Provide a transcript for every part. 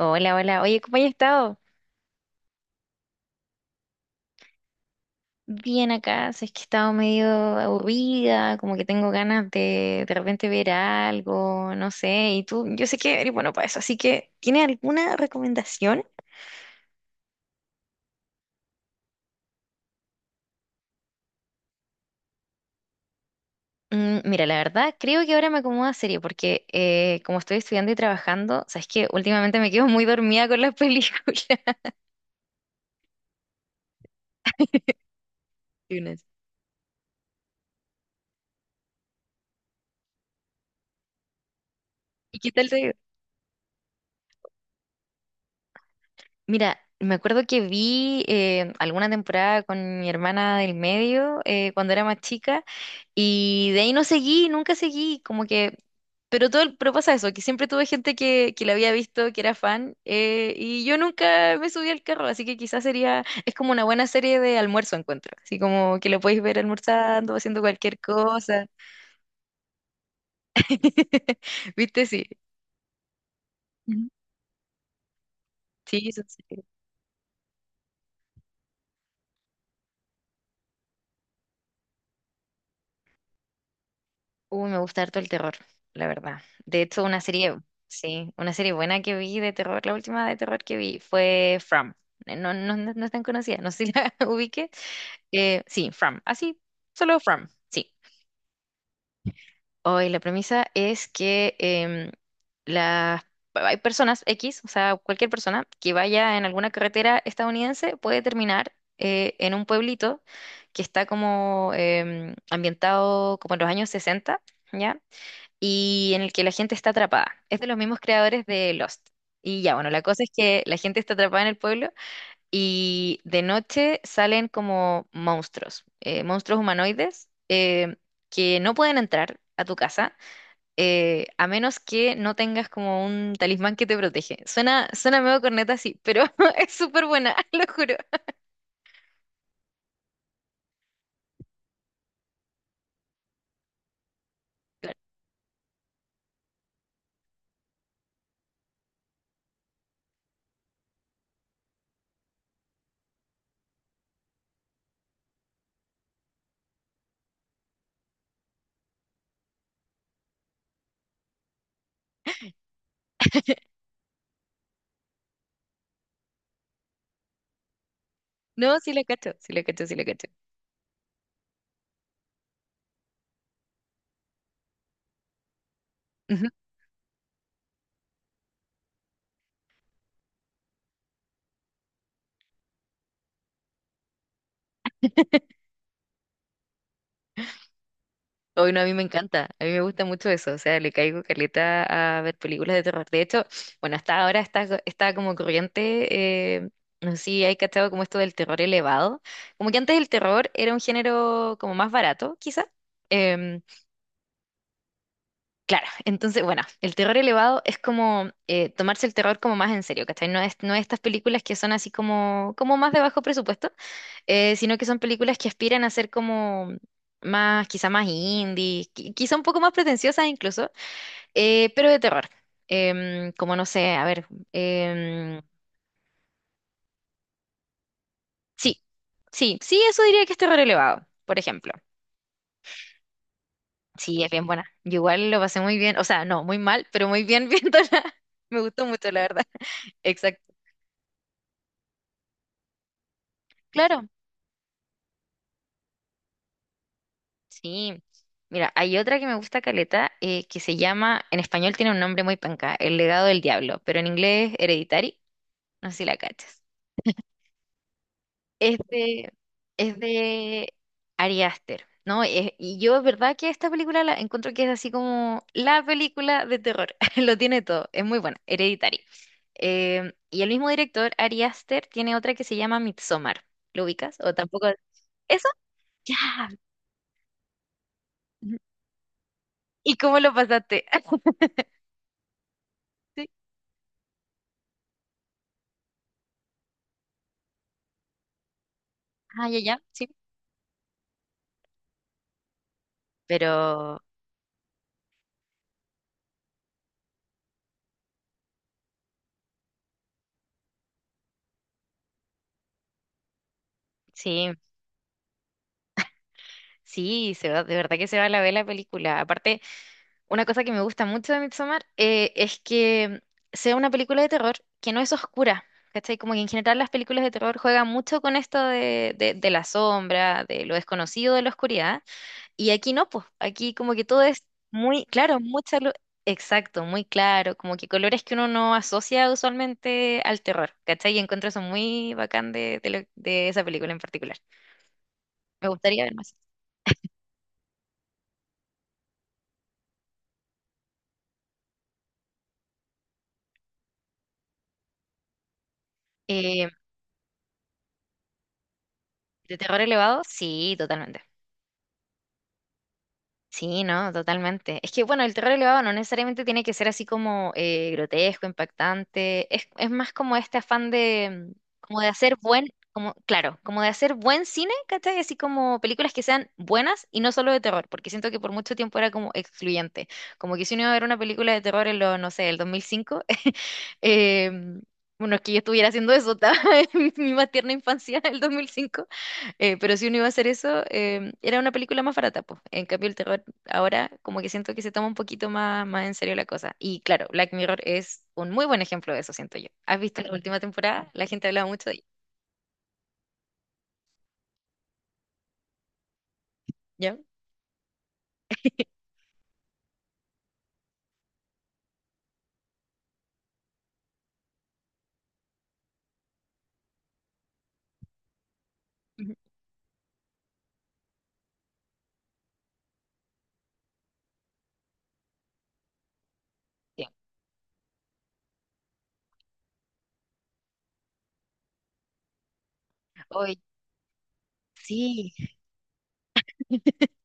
Hola, hola. Oye, ¿cómo has estado? Bien acá, si es que he estado medio aburrida, como que tengo ganas de repente ver algo, no sé. Y tú, yo sé que eres bueno para eso, así que ¿tienes alguna recomendación? Mm, mira, la verdad, creo que ahora me acomoda serie, porque como estoy estudiando y trabajando, sabes que últimamente me quedo muy dormida con las películas. ¿Y qué tal? Mira, me acuerdo que vi alguna temporada con mi hermana del medio cuando era más chica y de ahí no seguí, nunca seguí, como que, pero todo, pero pasa eso, que siempre tuve gente que la había visto, que era fan y yo nunca me subí al carro, así que quizás sería, es como una buena serie de almuerzo encuentro, así como que lo podéis ver almorzando, haciendo cualquier cosa. ¿Viste? Sí. Ujú. Sí, eso sí. Uy, me gusta harto el terror, la verdad. De hecho, una serie, sí, una serie buena que vi de terror, la última de terror que vi fue From. No, no, no, no es tan conocida, no sé si la ubique. Sí, From, así, solo From, sí. Hoy la premisa es que las, hay personas X, o sea, cualquier persona que vaya en alguna carretera estadounidense puede terminar en un pueblito que está como ambientado como en los años 60, ¿ya? Y en el que la gente está atrapada. Es de los mismos creadores de Lost. Y ya, bueno, la cosa es que la gente está atrapada en el pueblo y de noche salen como monstruos, monstruos humanoides que no pueden entrar a tu casa a menos que no tengas como un talismán que te protege. Suena, suena medio corneta, sí, pero es súper buena, lo juro. No, sí la cacho, sí la cacho, sí la cacho. Ujú. Hoy no, a mí me encanta, a mí me gusta mucho eso, o sea, le caigo caleta a ver películas de terror. De hecho, bueno, hasta ahora está, está como corriente, no sé si hay cachado como esto del terror elevado, como que antes el terror era un género como más barato, quizá. Em, claro, entonces, bueno, el terror elevado es como tomarse el terror como más en serio, ¿cachai? No es, no estas películas que son así como, como más de bajo presupuesto sino que son películas que aspiran a ser como más, quizá más indie, quizá un poco más pretenciosas incluso, pero de terror. Como no sé, a ver, em, sí, sí, sí, eso diría que es terror elevado, por ejemplo. Sí, es bien buena. Yo igual lo pasé muy bien, o sea, no, muy mal, pero muy bien viéndola. Me gustó mucho, la verdad. Exacto. Claro, sí. Mira, hay otra que me gusta caleta, que se llama, en español tiene un nombre muy panca, El Legado del Diablo, pero en inglés es Hereditary. No sé si la cachas. Es de, es de Ari Aster, ¿no? Y yo es verdad que esta película la encuentro que es así como la película de terror. Lo tiene todo, es muy buena, Hereditary. Y el mismo director, Ari Aster, tiene otra que se llama Midsommar. ¿Lo ubicas? ¿O tampoco? ¿Eso? Ya. ¿Y cómo lo pasaste? Sí. Ah, ya, ya, sí. Pero sí, sí, se va, de verdad que se va la ver la película. Aparte, una cosa que me gusta mucho de Midsommar es que sea una película de terror que no es oscura, ¿cachai? Como que en general las películas de terror juegan mucho con esto de, de la sombra, de lo desconocido, de la oscuridad, y aquí no, pues, aquí como que todo es muy claro, mucha luz, exacto, muy claro, como que colores que uno no asocia usualmente al terror, ¿cachai? Y encuentro eso muy bacán de, de esa película en particular. Me gustaría ver más. Eh, ¿De terror elevado? Sí, totalmente. Sí, no, totalmente. Es que, bueno, el terror elevado no necesariamente tiene que ser así como grotesco, impactante. Es más como este afán de, como de hacer buen, como, claro, como de hacer buen cine, ¿cachai? Así como películas que sean buenas y no solo de terror, porque siento que por mucho tiempo era como excluyente. Como que si uno iba a ver una película de terror en lo, no sé, el 2005, eh, bueno, es que yo estuviera haciendo eso, estaba en mi más tierna infancia, el 2005. Pero si uno iba a hacer eso, era una película más barata, pues. En cambio, el terror ahora como que siento que se toma un poquito más, más en serio la cosa. Y claro, Black Mirror es un muy buen ejemplo de eso, siento yo. ¿Has visto la última temporada? La gente hablaba mucho de ella. Ujú. Sí. Hoy, sí.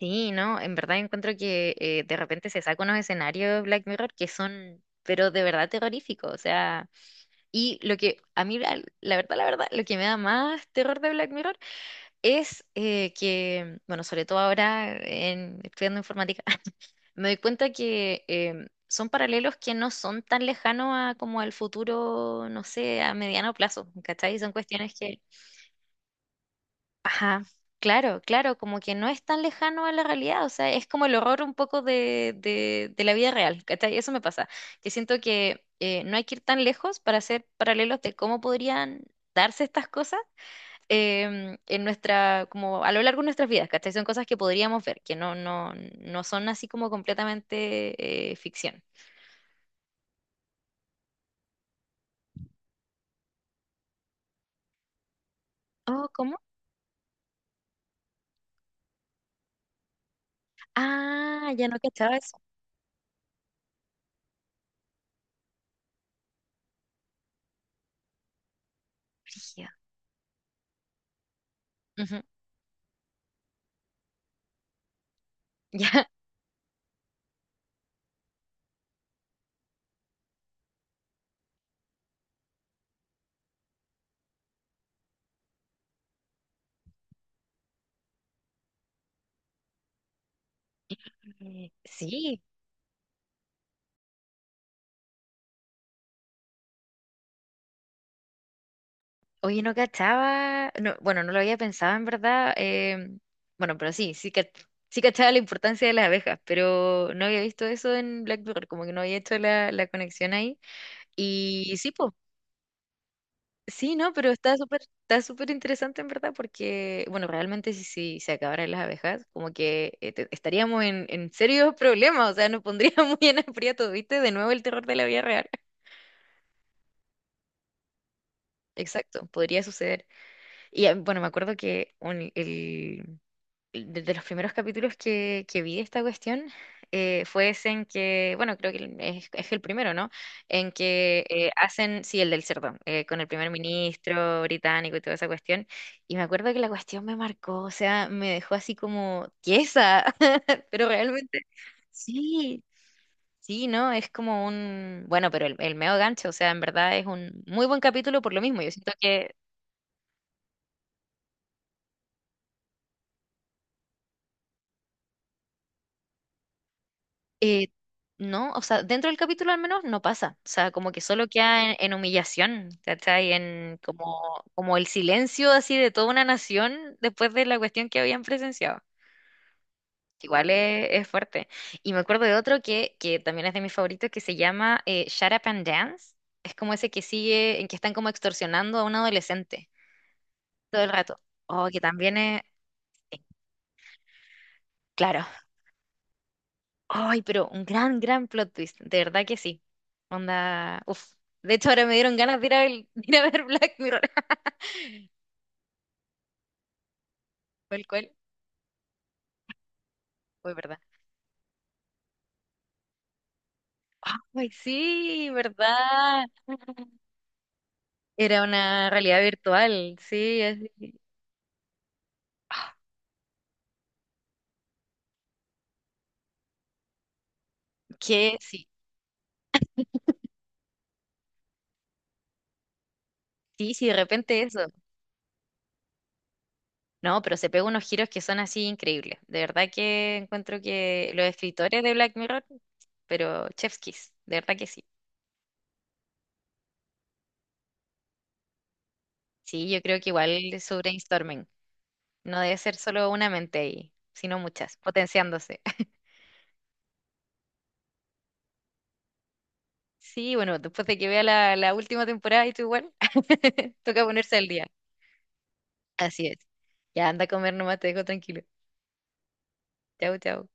Sí, no, en verdad encuentro que de repente se saca unos escenarios Black Mirror que son, pero de verdad terroríficos, o sea, y lo que a mí, la, la verdad, lo que me da más terror de Black Mirror es que, bueno, sobre todo ahora en, estudiando informática, me doy cuenta que son paralelos que no son tan lejanos a como al futuro, no sé, a mediano plazo, ¿cachai? Son cuestiones que, ajá, claro, claro, como que no es tan lejano a la realidad, o sea, es como el horror un poco de la vida real, ¿cachai? Eso me pasa, que siento que no hay que ir tan lejos para hacer paralelos de cómo podrían darse estas cosas en nuestra, como a lo largo de nuestras vidas, ¿cachai? Son cosas que podríamos ver, que no, no, no son así como completamente ficción. Oh, ¿cómo? Ah, ya no cachaba eso. Brígido. Ujú. Ya. Sí. Oye, no cachaba. No, bueno, no lo había pensado en verdad. Bueno, pero sí, sí que sí cachaba la importancia de las abejas, pero no había visto eso en Black Mirror, como que no había hecho la, la conexión ahí. Y sí, pues. Sí, no, pero está súper interesante en verdad porque, bueno, realmente si, si se acabaran las abejas, como que estaríamos en serios problemas, o sea, nos pondríamos muy en aprieto, ¿viste? De nuevo el terror de la vida real. Exacto, podría suceder. Y ah, bueno, me acuerdo que el, desde los primeros capítulos que vi de esta cuestión fue ese en que, bueno, creo que es el primero, ¿no? En que hacen, sí, el del cerdo, con el primer ministro británico y toda esa cuestión. Y me acuerdo que la cuestión me marcó, o sea, me dejó así como tiesa, pero realmente, sí. Sí, no, es como un, bueno, pero el meo gancho, o sea, en verdad es un muy buen capítulo por lo mismo. Yo siento que Eh, no, o sea, dentro del capítulo al menos no pasa. O sea, como que solo queda en humillación, ¿cachai? En como, como el silencio así de toda una nación después de la cuestión que habían presenciado. Igual es fuerte. Y me acuerdo de otro que también es de mis favoritos que se llama Shut Up and Dance. Es como ese que sigue, en que están como extorsionando a un adolescente todo el rato. Oh, que también es, eh, claro, ay, pero un gran, gran plot twist, de verdad que sí. Onda, uf. De hecho, ahora me dieron ganas de ir a ver, de ir a ver Black Mirror. ¿Cuál, cuál? Fue verdad. Ay, sí, verdad. Era una realidad virtual, sí, así. Que sí, sí, sí, de repente eso. No, pero se pega unos giros que son así increíbles. De verdad que encuentro que los escritores de Black Mirror, pero chef's kiss, de verdad que sí. Sí, yo creo que igual sobre brainstorming. No debe ser solo una mente ahí, sino muchas, potenciándose. Sí, bueno, después de que vea la, la última temporada y tú igual, toca ponerse al día. Así es. Ya anda a comer nomás, te dejo tranquilo. Chau, chau.